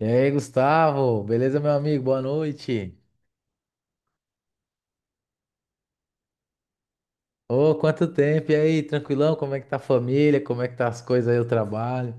E aí, Gustavo? Beleza, meu amigo? Boa noite. Ô, quanto tempo! E aí, tranquilão? Como é que tá a família? Como é que tá as coisas aí, o trabalho?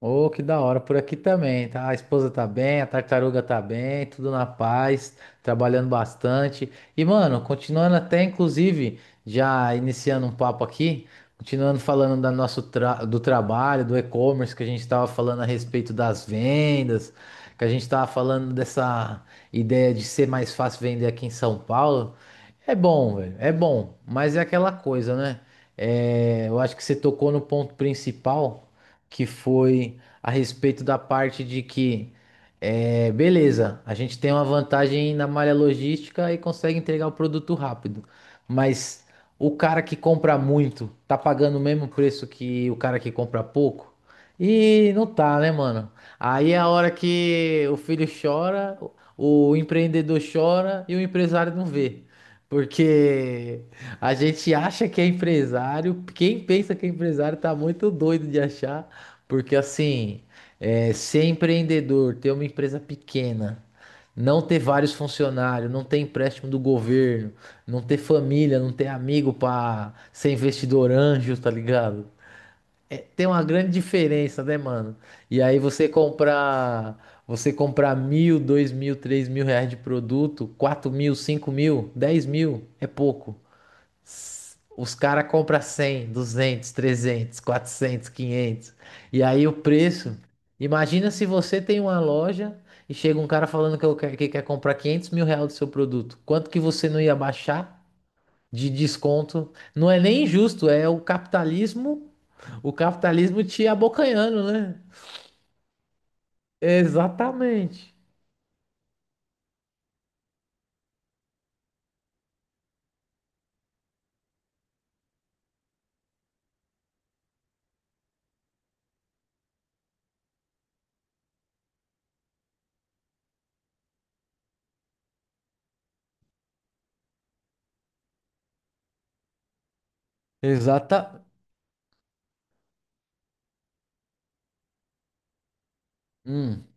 Ô, que da hora, por aqui também, tá? A esposa tá bem, a tartaruga tá bem, tudo na paz, trabalhando bastante. E, mano, continuando até, inclusive, já iniciando um papo aqui, continuando falando do trabalho, do e-commerce, que a gente tava falando a respeito das vendas, que a gente tava falando dessa ideia de ser mais fácil vender aqui em São Paulo. É bom, velho, é bom, mas é aquela coisa, né? É, eu acho que você tocou no ponto principal que foi a respeito da parte de que, é, beleza, a gente tem uma vantagem na malha logística e consegue entregar o produto rápido, mas o cara que compra muito tá pagando o mesmo preço que o cara que compra pouco? E não tá, né, mano? Aí é a hora que o filho chora, o empreendedor chora e o empresário não vê. Porque a gente acha que é empresário, quem pensa que é empresário tá muito doido de achar porque assim, é, ser empreendedor, ter uma empresa pequena, não ter vários funcionários, não ter empréstimo do governo, não ter família, não ter amigo pra ser investidor anjo, tá ligado? É, tem uma grande diferença, né, mano? E aí você comprar 1.000, 2.000, 3.000 reais de produto, 4.000, 5.000, 10.000, é pouco. Os caras compram 100, 200, 300, 400, 500. E aí o preço. Imagina se você tem uma loja e chega um cara falando que, que quer comprar 500.000 reais do seu produto. Quanto que você não ia baixar de desconto? Não é nem injusto, é o capitalismo te abocanhando, né? Exatamente. Exata. Hum.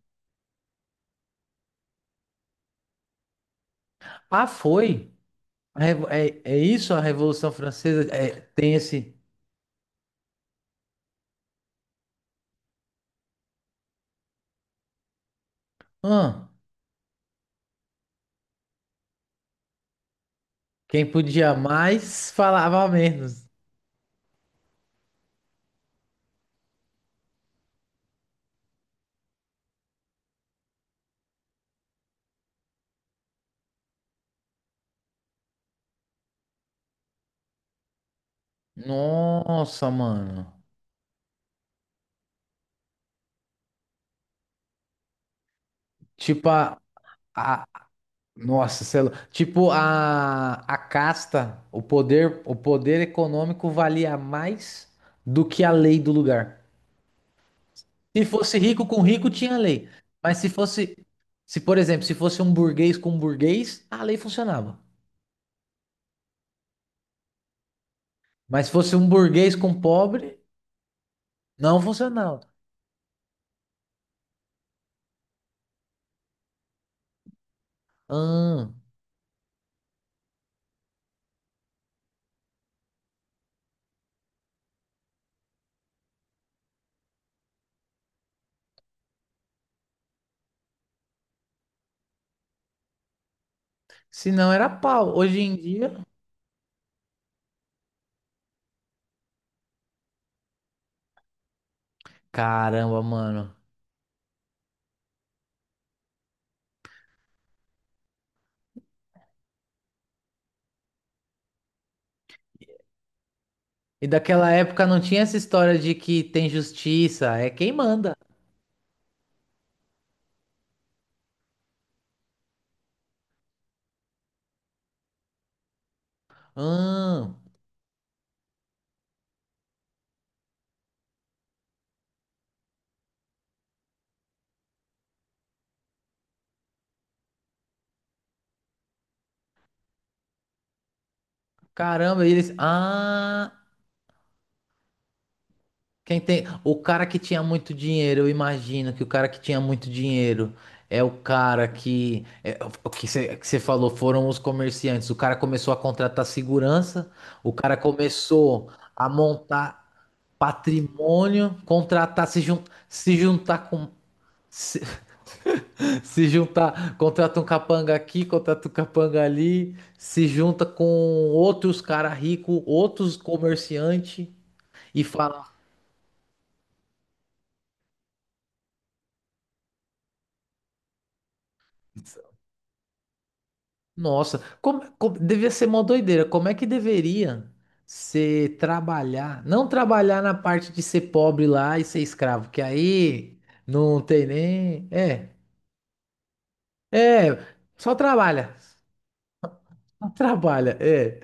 Ah, foi. É, isso a Revolução Francesa? É, tem esse. Hã? Quem podia mais falava menos. Nossa, mano. Tipo a nossa, sei lá. Tipo a casta, o poder econômico valia mais do que a lei do lugar. Se fosse rico com rico, tinha lei. Mas se fosse, se por exemplo, se fosse um burguês com burguês, a lei funcionava. Mas se fosse um burguês com pobre, não funcionava. Ah, se não era pau. Hoje em dia, caramba, mano. E daquela época não tinha essa história de que tem justiça, é quem manda. Ah, caramba, eles. Ah, quem tem. O cara que tinha muito dinheiro, eu imagino que o cara que tinha muito dinheiro é o cara que. É, o que você falou foram os comerciantes. O cara começou a contratar segurança, o cara começou a montar patrimônio, contratar, se juntar com. Se, se juntar, contrata um capanga aqui, contrata um capanga ali, se junta com outros cara rico, outros comerciante e fala: nossa, devia ser uma doideira. Como é que deveria ser trabalhar? Não trabalhar na parte de ser pobre lá e ser escravo, que aí não tem nem. É, só trabalha, só trabalha. É,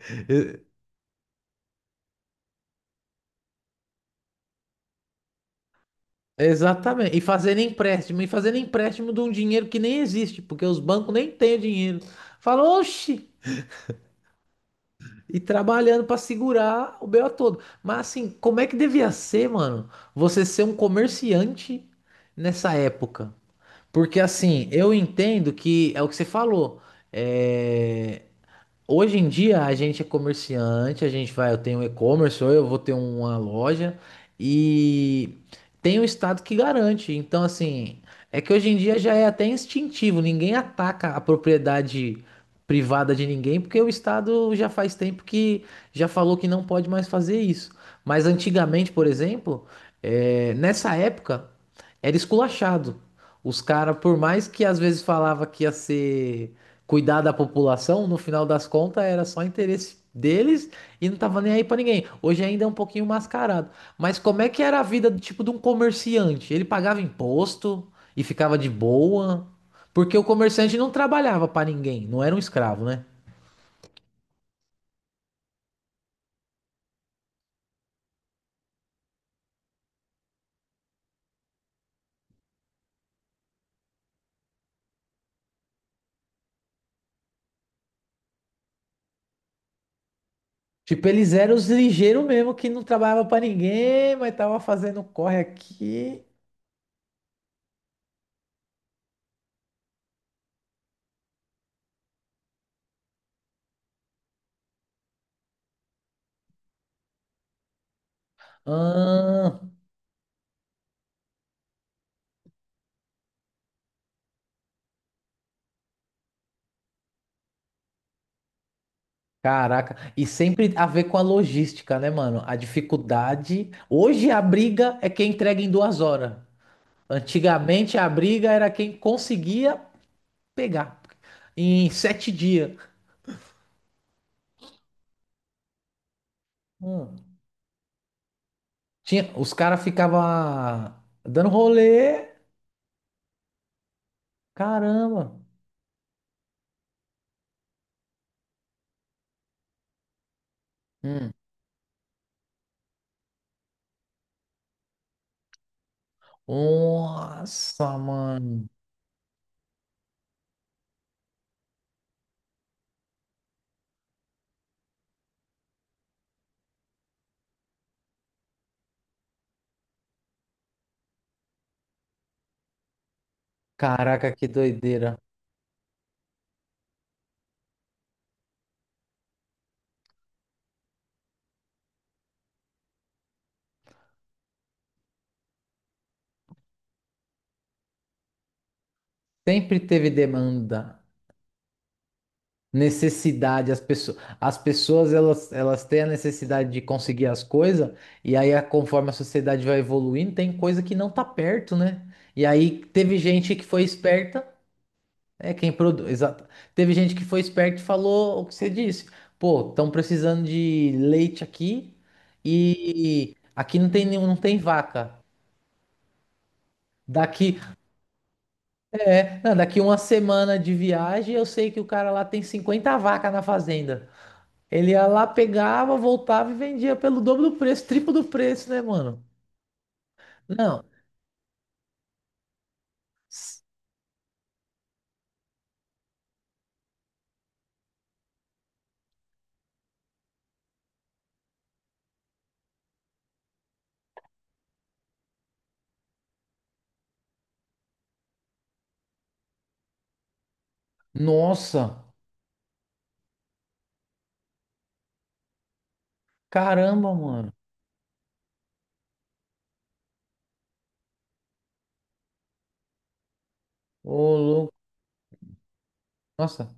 exatamente. E fazendo empréstimo de um dinheiro que nem existe, porque os bancos nem têm o dinheiro. Fala, oxi! E trabalhando para segurar o BO todo. Mas assim, como é que devia ser, mano, você ser um comerciante nessa época? Porque assim, eu entendo que é o que você falou. É, hoje em dia a gente é comerciante, a gente vai, eu tenho um e-commerce ou eu vou ter uma loja e tem o estado que garante. Então, assim, é que hoje em dia já é até instintivo, ninguém ataca a propriedade privada de ninguém, porque o estado já faz tempo que já falou que não pode mais fazer isso. Mas antigamente, por exemplo, nessa época era esculachado. Os caras, por mais que às vezes falava que ia ser cuidar da população, no final das contas era só interesse deles e não tava nem aí pra ninguém. Hoje ainda é um pouquinho mascarado. Mas como é que era a vida do tipo de um comerciante? Ele pagava imposto e ficava de boa, porque o comerciante não trabalhava pra ninguém, não era um escravo, né? Tipo, eles eram os ligeiros mesmo que não trabalhava pra ninguém, mas tava fazendo corre aqui. Ah, caraca, e sempre a ver com a logística, né, mano? A dificuldade. Hoje a briga é quem entrega em 2 horas. Antigamente a briga era quem conseguia pegar em 7 dias. Hum. Tinha, os caras ficavam dando rolê. Caramba. Hum. Nossa, mano. Caraca, que doideira. Sempre teve demanda. Necessidade, as pessoas elas têm a necessidade de conseguir as coisas, conforme a sociedade vai evoluindo, tem coisa que não tá perto, né? E aí teve gente que foi esperta, é quem produz, exato. Teve gente que foi esperta e falou o que você disse. Pô, estão precisando de leite aqui e aqui não tem nenhum, não tem vaca. Daqui, é, não, daqui uma semana de viagem, eu sei que o cara lá tem 50 vacas na fazenda. Ele ia lá, pegava, voltava e vendia pelo dobro do preço, triplo do preço, né, mano? Não. S- Nossa, caramba, mano. Ô, louco. Nossa.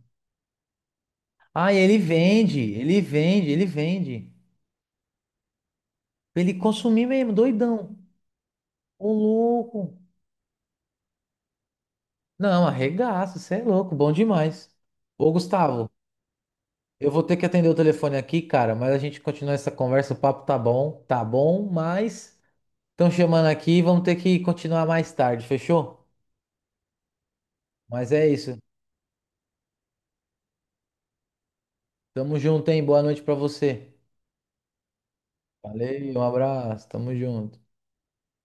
Ah, e ele vende, ele vende, ele vende. Pra ele consumir mesmo, doidão. Ô, louco. Não, arregaça, você é louco, bom demais. Ô, Gustavo, eu vou ter que atender o telefone aqui, cara, mas a gente continua essa conversa, o papo tá bom, mas estão chamando aqui, vamos ter que continuar mais tarde, fechou? Mas é isso. Tamo junto, hein? Boa noite pra você. Valeu, um abraço. Tamo junto.